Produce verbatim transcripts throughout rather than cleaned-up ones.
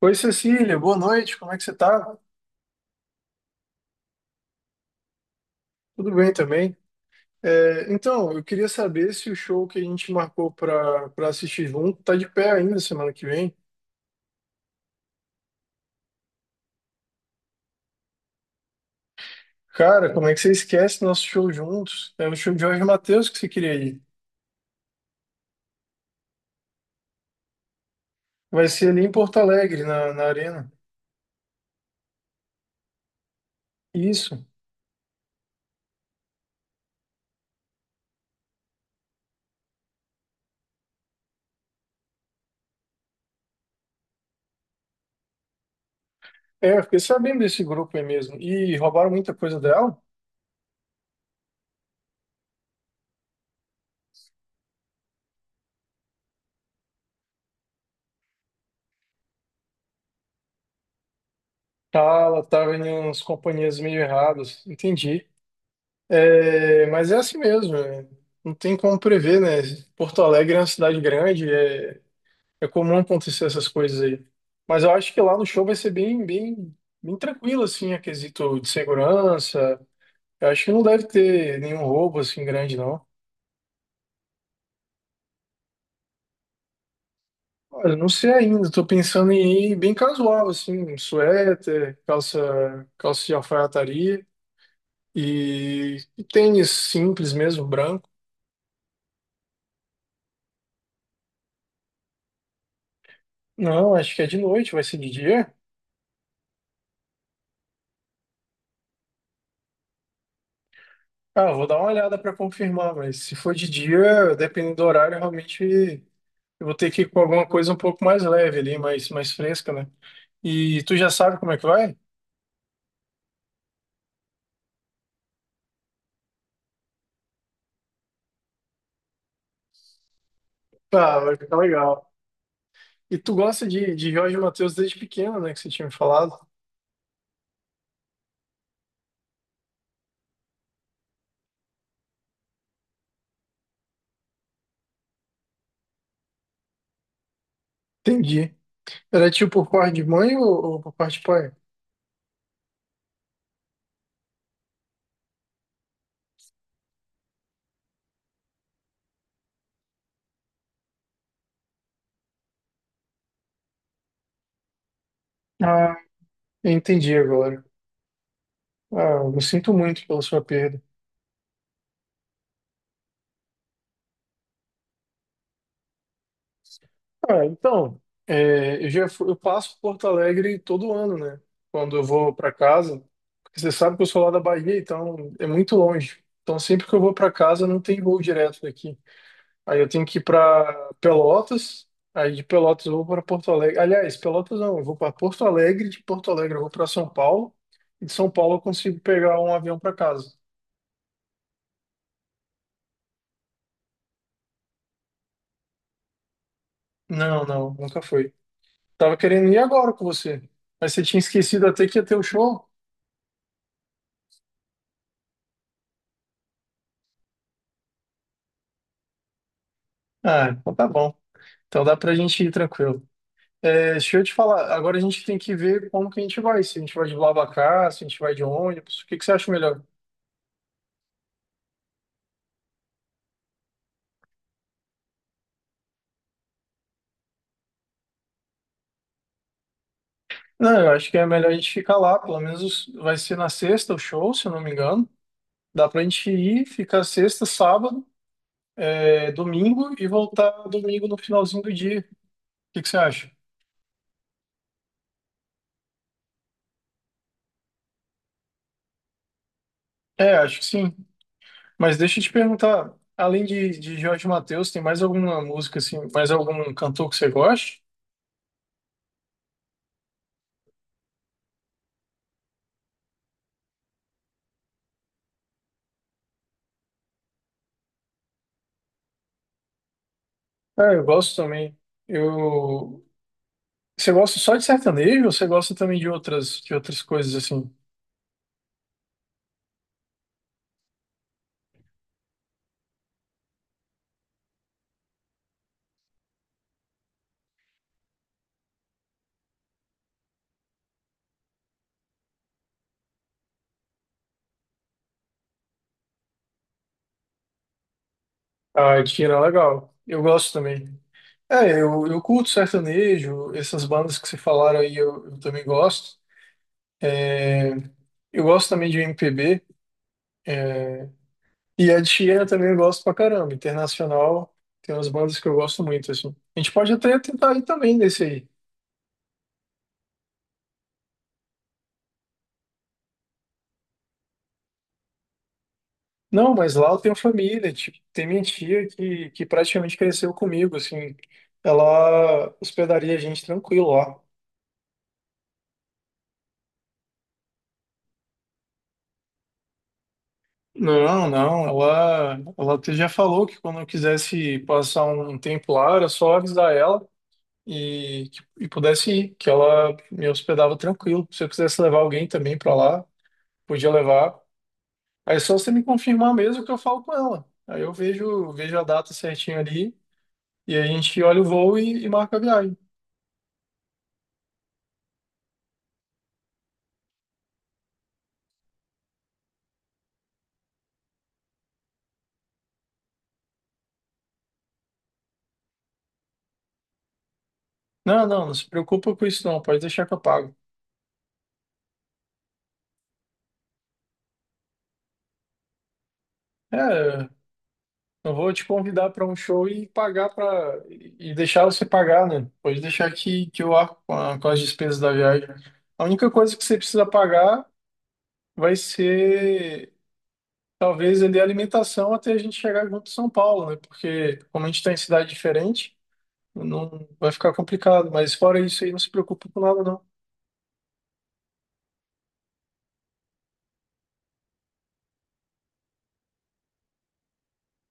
Oi, Cecília, boa noite, como é que você tá? Tudo bem também? É, então, eu queria saber se o show que a gente marcou para para assistir junto tá de pé ainda semana que vem. Cara, como é que você esquece nosso show juntos? É o show de Jorge Mateus que você queria ir. Vai ser ali em Porto Alegre, na, na Arena. Isso. É, eu fiquei sabendo desse grupo aí mesmo. E roubaram muita coisa dela? Tá, ela tava em umas companhias meio erradas. Entendi. É, mas é assim mesmo, é, não tem como prever, né? Porto Alegre é uma cidade grande, é, é comum acontecer essas coisas aí. Mas eu acho que lá no show vai ser bem, bem, bem tranquilo, assim, a quesito de segurança. Eu acho que não deve ter nenhum roubo, assim, grande, não. Olha, não sei ainda, tô pensando em ir bem casual, assim, um suéter, calça, calça de alfaiataria e, e tênis simples mesmo, branco. Não, acho que é de noite, vai ser de dia. Ah, eu vou dar uma olhada para confirmar, mas se for de dia, dependendo do horário, realmente eu vou ter que ir com alguma coisa um pouco mais leve ali, mais, mais fresca, né? E tu já sabe como é que vai? Ah, vai ficar legal. E tu gosta de, de Jorge Mateus desde pequeno, né? Que você tinha me falado. Entendi. Era tio por parte de mãe ou, ou por parte de pai? Ah, eu entendi agora. Ah, eu sinto muito pela sua perda. Ah, então, é, eu já fu- eu passo por Porto Alegre todo ano, né? Quando eu vou para casa, porque você sabe que eu sou lá da Bahia, então é muito longe. Então sempre que eu vou para casa não tem voo direto daqui. Aí eu tenho que ir para Pelotas, aí de Pelotas eu vou para Porto Alegre. Aliás, Pelotas não, eu vou para Porto Alegre, de Porto Alegre eu vou para São Paulo, e de São Paulo eu consigo pegar um avião para casa. Não, não, nunca foi. Tava querendo ir agora com você, mas você tinha esquecido até que ia ter o show. Ah, então tá bom. Então dá pra gente ir tranquilo. É, deixa eu te falar, agora a gente tem que ver como que a gente vai, se a gente vai de BlaBlaCar, se a gente vai de ônibus, o que que você acha melhor? Não, eu acho que é melhor a gente ficar lá, pelo menos vai ser na sexta o show, se eu não me engano. Dá pra gente ir, ficar sexta, sábado, é, domingo e voltar domingo no finalzinho do dia. O que que você acha? É, acho que sim. Mas deixa eu te perguntar, além de, de Jorge Mateus, tem mais alguma música assim, mais algum cantor que você goste? Ah, eu gosto também. Eu Você gosta só de sertanejo ou você gosta também de outras, de outras coisas assim? Ah, Tira, legal. Eu gosto também. É, eu, eu curto sertanejo, essas bandas que você falaram aí eu, eu também gosto. É, eu gosto também de M P B. É, e a Tira também eu gosto pra caramba. Internacional, tem umas bandas que eu gosto muito, assim. A gente pode até tentar ir também nesse aí. Não, mas lá eu tenho família, tipo, tem minha tia que, que praticamente cresceu comigo, assim. Ela hospedaria a gente tranquilo lá. Não, não, ela, ela até já falou que quando eu quisesse passar um tempo lá, era só avisar ela e, que- e pudesse ir, que ela me hospedava tranquilo. Se eu quisesse levar alguém também para lá, podia levar. Aí é só você me confirmar mesmo que eu falo com ela. Aí eu vejo, vejo a data certinho ali e a gente olha o voo e, e marca a viagem. Não, não, não se preocupa com isso não, pode deixar que eu pago. É, não vou te convidar para um show e pagar para e e deixar você pagar, né? Pode deixar que, que eu arco com, a- com as despesas da viagem. A única coisa que você precisa pagar vai ser talvez ali a alimentação até a gente chegar junto em São Paulo, né? Porque como a gente está em cidade diferente, não vai ficar complicado, mas fora isso aí não se preocupa com nada não.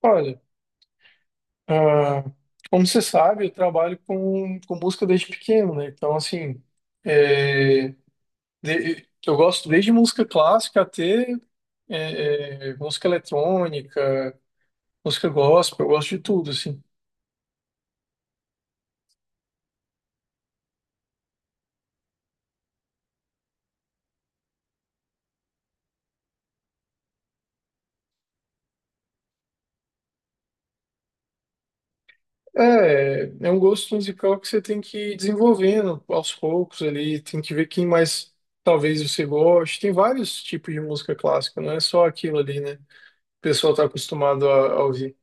Olha, ah, como você sabe, eu trabalho com, com música desde pequeno, né? Então, assim, é, de- eu gosto desde música clássica até é, é, música eletrônica, música gospel, eu gosto de tudo, assim. É, é um gosto musical que você tem que ir desenvolvendo aos poucos ali, tem que ver quem mais talvez você goste. Tem vários tipos de música clássica, não é só aquilo ali, né? O pessoal está acostumado a, a ouvir.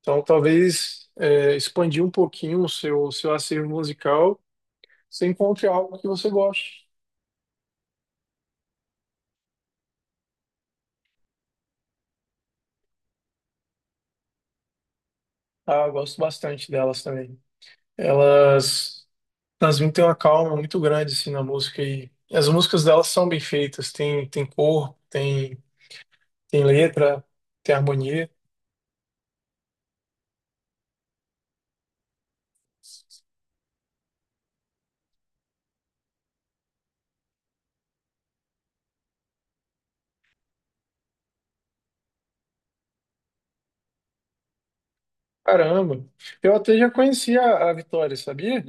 Então, talvez é, expandir um pouquinho o seu, o seu acervo musical, você encontre algo que você goste. Ah, eu gosto bastante delas também. Elas transmitem uma calma muito grande assim, na música e as músicas delas são bem feitas, tem, tem corpo, tem, tem letra, tem harmonia. Caramba! Eu até já conhecia a a Vitória, sabia?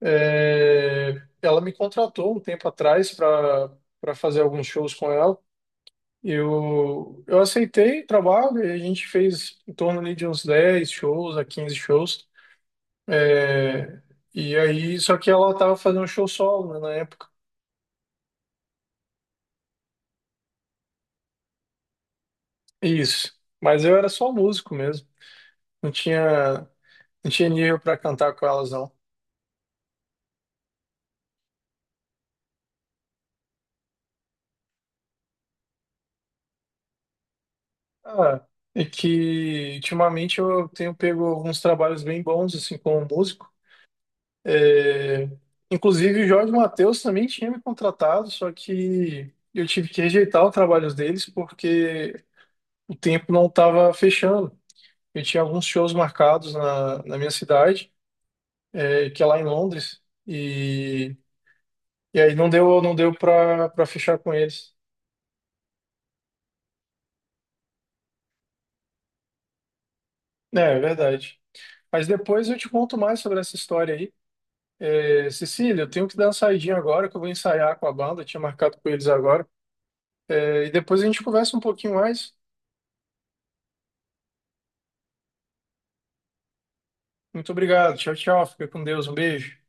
É, ela me contratou um tempo atrás para para fazer alguns shows com ela. Eu, eu aceitei o trabalho e a gente fez em torno ali de uns dez shows a quinze shows. É, e aí, só que ela tava fazendo um show solo, né, na época. Isso. Mas eu era só músico mesmo. Não tinha, não tinha nível para cantar com elas, não. Ah, é que ultimamente eu tenho pego alguns trabalhos bem bons, assim, como músico. É, inclusive, o Jorge Mateus também tinha me contratado, só que eu tive que rejeitar os trabalhos deles porque o tempo não estava fechando. Eu tinha alguns shows marcados na, na minha cidade, é, que é lá em Londres, e, e aí não deu, não deu para para fechar com eles. É, é verdade. Mas depois eu te conto mais sobre essa história aí. É, Cecília, eu tenho que dar uma saidinha agora, que eu vou ensaiar com a banda, eu tinha marcado com eles agora. É, e depois a gente conversa um pouquinho mais. Muito obrigado. Tchau, tchau. Fica com Deus. Um beijo.